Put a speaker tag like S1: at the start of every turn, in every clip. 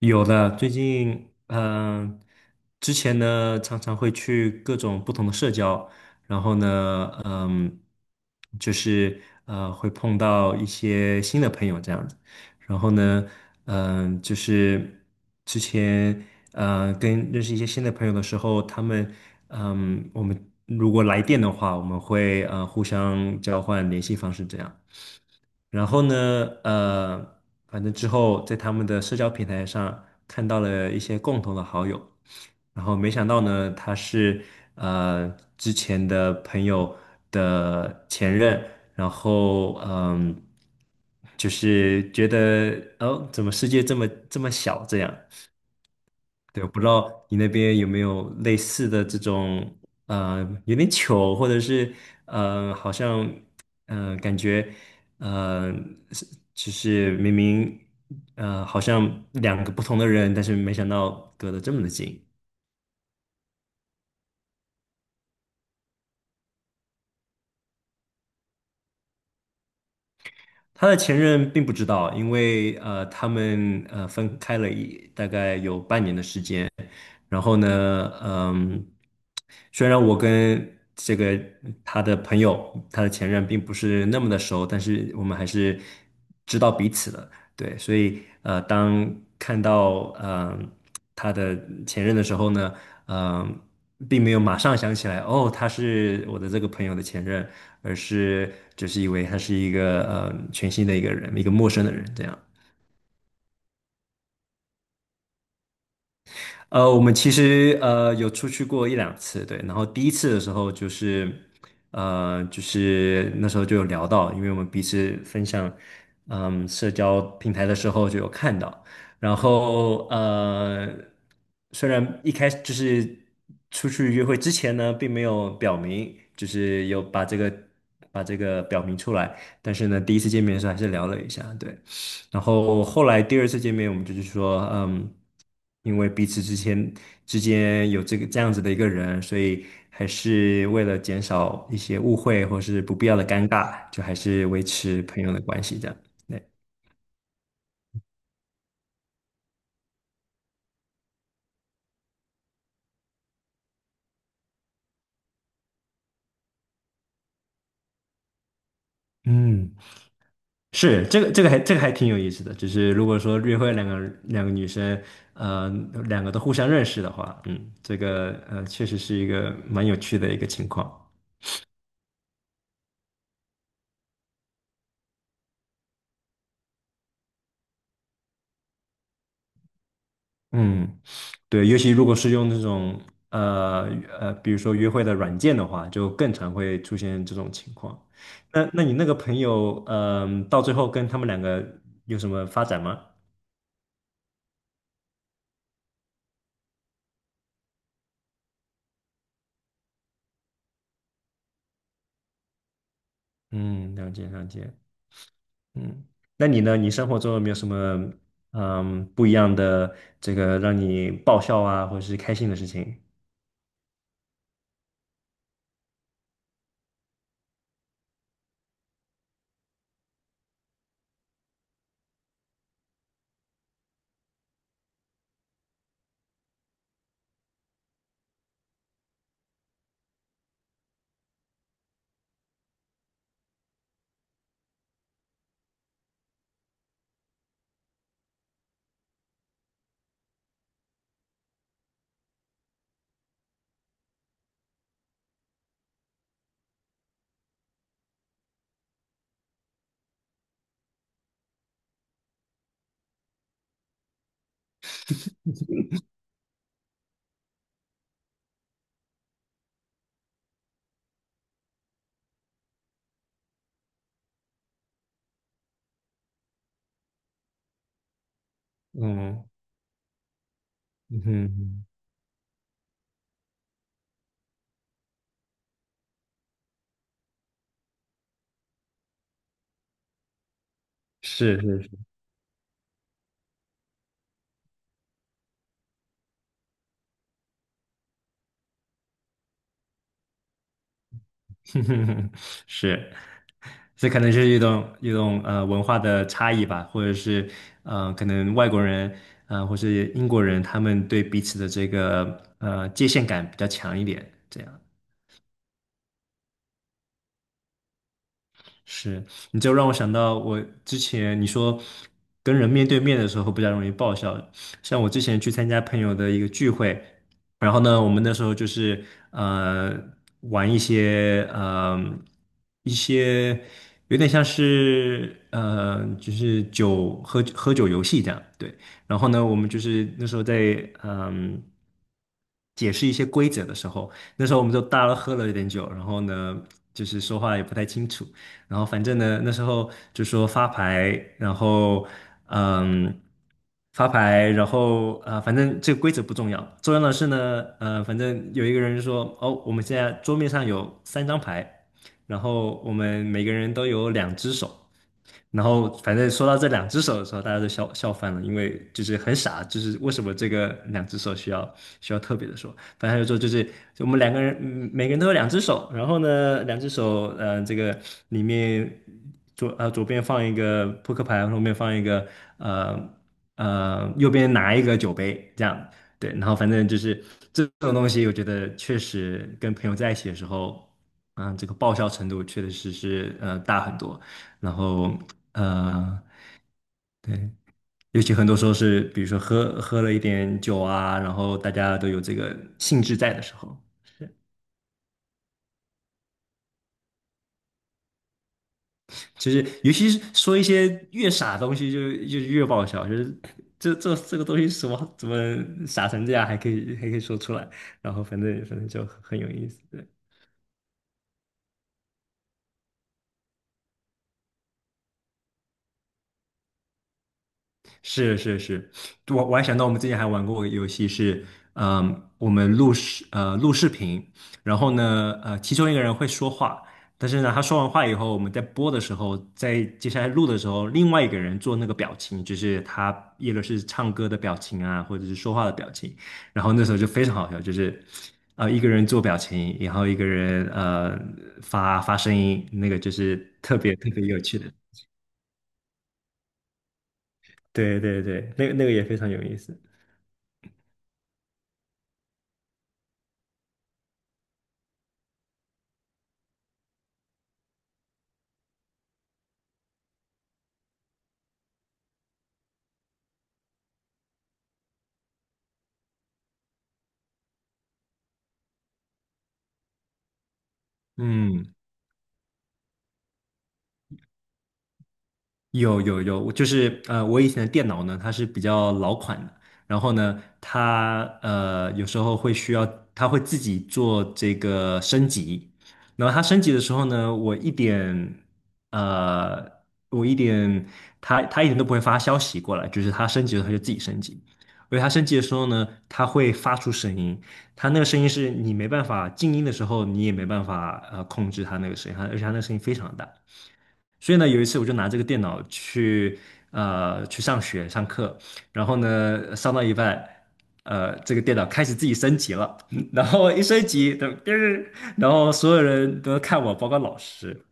S1: 有的，最近呃之前呢常常会去各种不同的社交，然后呢，就是会碰到一些新的朋友这样子。然后呢，就是之前跟认识一些新的朋友的时候，他们嗯、我们如果来电的话，我们会互相交换联系方式这样。然后呢，呃，反正之后在他们的社交平台上看到了一些共同的好友，然后没想到呢，他是呃之前的朋友的前任。然后就是觉得，哦，怎么世界这么这么小这样。对，我不知道你那边有没有类似的这种，呃，有点糗，或者是，好像，感觉，呃，是就是明明，好像两个不同的人，但是没想到隔得这么的近。他的前任并不知道，因为他们分开了一大概有半年的时间。然后呢，虽然我跟这个他的朋友，他的前任并不是那么的熟，但是我们还是知道彼此的。对，所以当看到他的前任的时候呢，嗯、并没有马上想起来，哦，他是我的这个朋友的前任，而是只是以为他是一个全新的一个人，一个陌生的人这样。我们其实有出去过一两次，对。然后第一次的时候就是那时候就有聊到，因为我们彼此分享，社交平台的时候就有看到。然后虽然一开始就是出去约会之前呢，并没有表明，就是有把这个表明出来，但是呢，第一次见面的时候还是聊了一下，对。然后后来第二次见面，我们就是说，因为彼此之间有这个这样子的一个人，所以还是为了减少一些误会或是不必要的尴尬，就还是维持朋友的关系这样。对。嗯，是这个这个还这个还挺有意思的，就是如果说约会两个女生，呃，两个都互相认识的话，这个确实是一个蛮有趣的一个情况。嗯。对，尤其如果是用这种呃比如说约会的软件的话，就更常会出现这种情况。那你那个朋友，到最后跟他们两个有什么发展吗？嗯，了解了解。嗯，那你呢？你生活中有没有什么不一样的这个让你爆笑啊，或者是开心的事情？嗯嗯哼，是是。 是，这可能是一种文化的差异吧，或者是可能外国人或是英国人他们对彼此的这个界限感比较强一点，这样。是，你就让我想到我之前你说跟人面对面的时候比较容易爆笑。像我之前去参加朋友的一个聚会，然后呢，我们那时候就是呃玩一些一些有点像是就是喝酒游戏这样。对。然后呢，我们就是那时候在，嗯。解释一些规则的时候，那时候我们就大家都喝了一点酒，然后呢，就是说话也不太清楚。然后反正呢，那时候就说然后嗯，发牌，然后反正这个规则不重要，重要的是呢，反正有一个人说，哦，我们现在桌面上有三张牌，然后我们每个人都有两只手。然后反正说到这两只手的时候，大家都笑笑翻了，因为就是很傻。就是为什么这个两只手需要特别的说？反正他就说就我们两个人。嗯每个人都有两只手，然后呢，两只手，这个里面，左边放一个扑克牌，后面放一个呃呃右边拿一个酒杯，这样。对。然后反正就是这种东西，我觉得确实跟朋友在一起的时候，这个爆笑程度确实是大很多。然后呃，对，尤其很多时候是，比如说喝了一点酒啊，然后大家都有这个兴致在的时候，其实尤其是说一些越傻的东西就越爆笑。就是这个东西什么怎么傻成这样，还可以说出来。然后反正就很有意思，对。是是是，我还想到我们之前还玩过个游戏是，我们录视频。然后呢，其中一个人会说话。但是呢，他说完话以后，我们在播的时候，在接下来录的时候，另外一个人做那个表情，就是他也就是唱歌的表情啊，或者是说话的表情。然后那时候就非常好笑，就是啊，一个人做表情，然后一个人发声音，那个就是特别特别有趣的。对对对，那个也非常有意思，嗯。有有有，我就是呃，我以前的电脑呢，它是比较老款的。然后呢，它有时候会需要，它会自己做这个升级。然后它升级的时候呢，我一点呃，我一点，它它一点都不会发消息过来，就是它升级了，它就自己升级。而且它升级的时候呢，它会发出声音，它那个声音是你没办法静音的时候，你也没办法控制它那个声音，而且它那个声音非常大。所以呢，有一次我就拿这个电脑去上学上课。然后呢上到一半，这个电脑开始自己升级了，然后一升级，噔。然后所有人都看我，包括老师。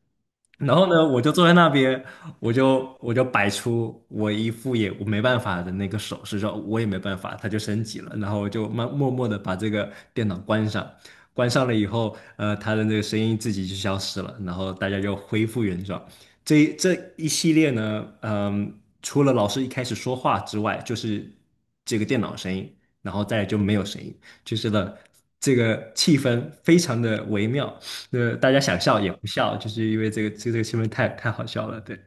S1: 然后呢，我就坐在那边，我就摆出我一副也我没办法的那个手势，说我也没办法，他就升级了。然后我就默默的把这个电脑关上。关上了以后，他的那个声音自己就消失了，然后大家就恢复原状。这一系列呢，除了老师一开始说话之外，就是这个电脑声音，然后再来就没有声音，就是了。这个气氛非常的微妙。对，大家想笑也不笑，就是因为这个新闻太好笑了。对。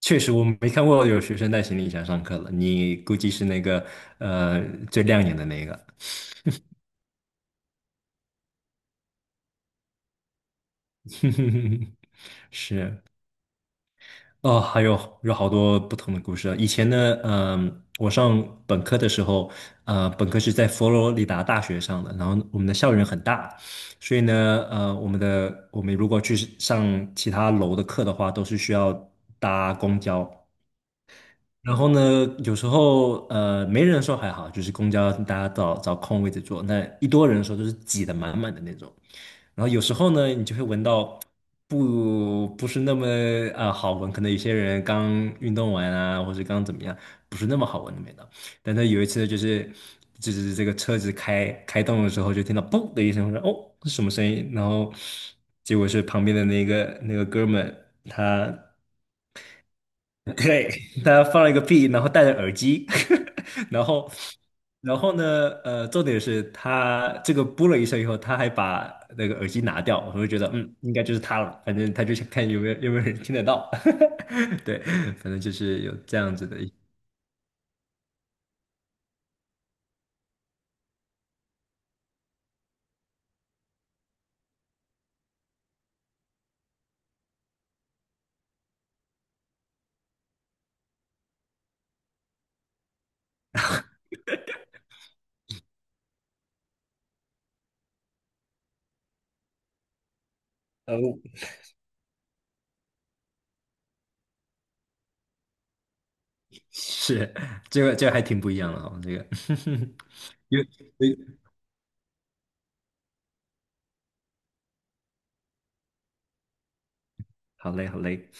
S1: 确实我没看过有学生带行李箱上课了，你估计是那个呃最亮眼的那个。是。哦，还有好多不同的故事啊。以前呢，我上本科的时候，本科是在佛罗里达大学上的，然后我们的校园很大。所以呢，我们如果去上其他楼的课的话，都是需要搭公交。然后呢，有时候没人的时候还好，就是公交大家找找空位置坐，那一多人的时候就是挤得满满的那种。然后有时候呢，你就会闻到不是那么好闻，可能有些人刚运动完啊，或者刚怎么样，不是那么好闻的味道。但他有一次就是这个车子开动的时候，就听到嘣的一声，我说，哦，是什么声音？然后结果是旁边的那个哥们，他。对，他放了一个屁，然后戴着耳机。然后，然后呢，重点是他这个噗了一声以后，他还把那个耳机拿掉，我就觉得，嗯，应该就是他了。反正他就想看有没有人听得到。对，反正就是有这样子的一，呃，是，这个还挺不一样的哦，这个。有，有，好嘞，好嘞。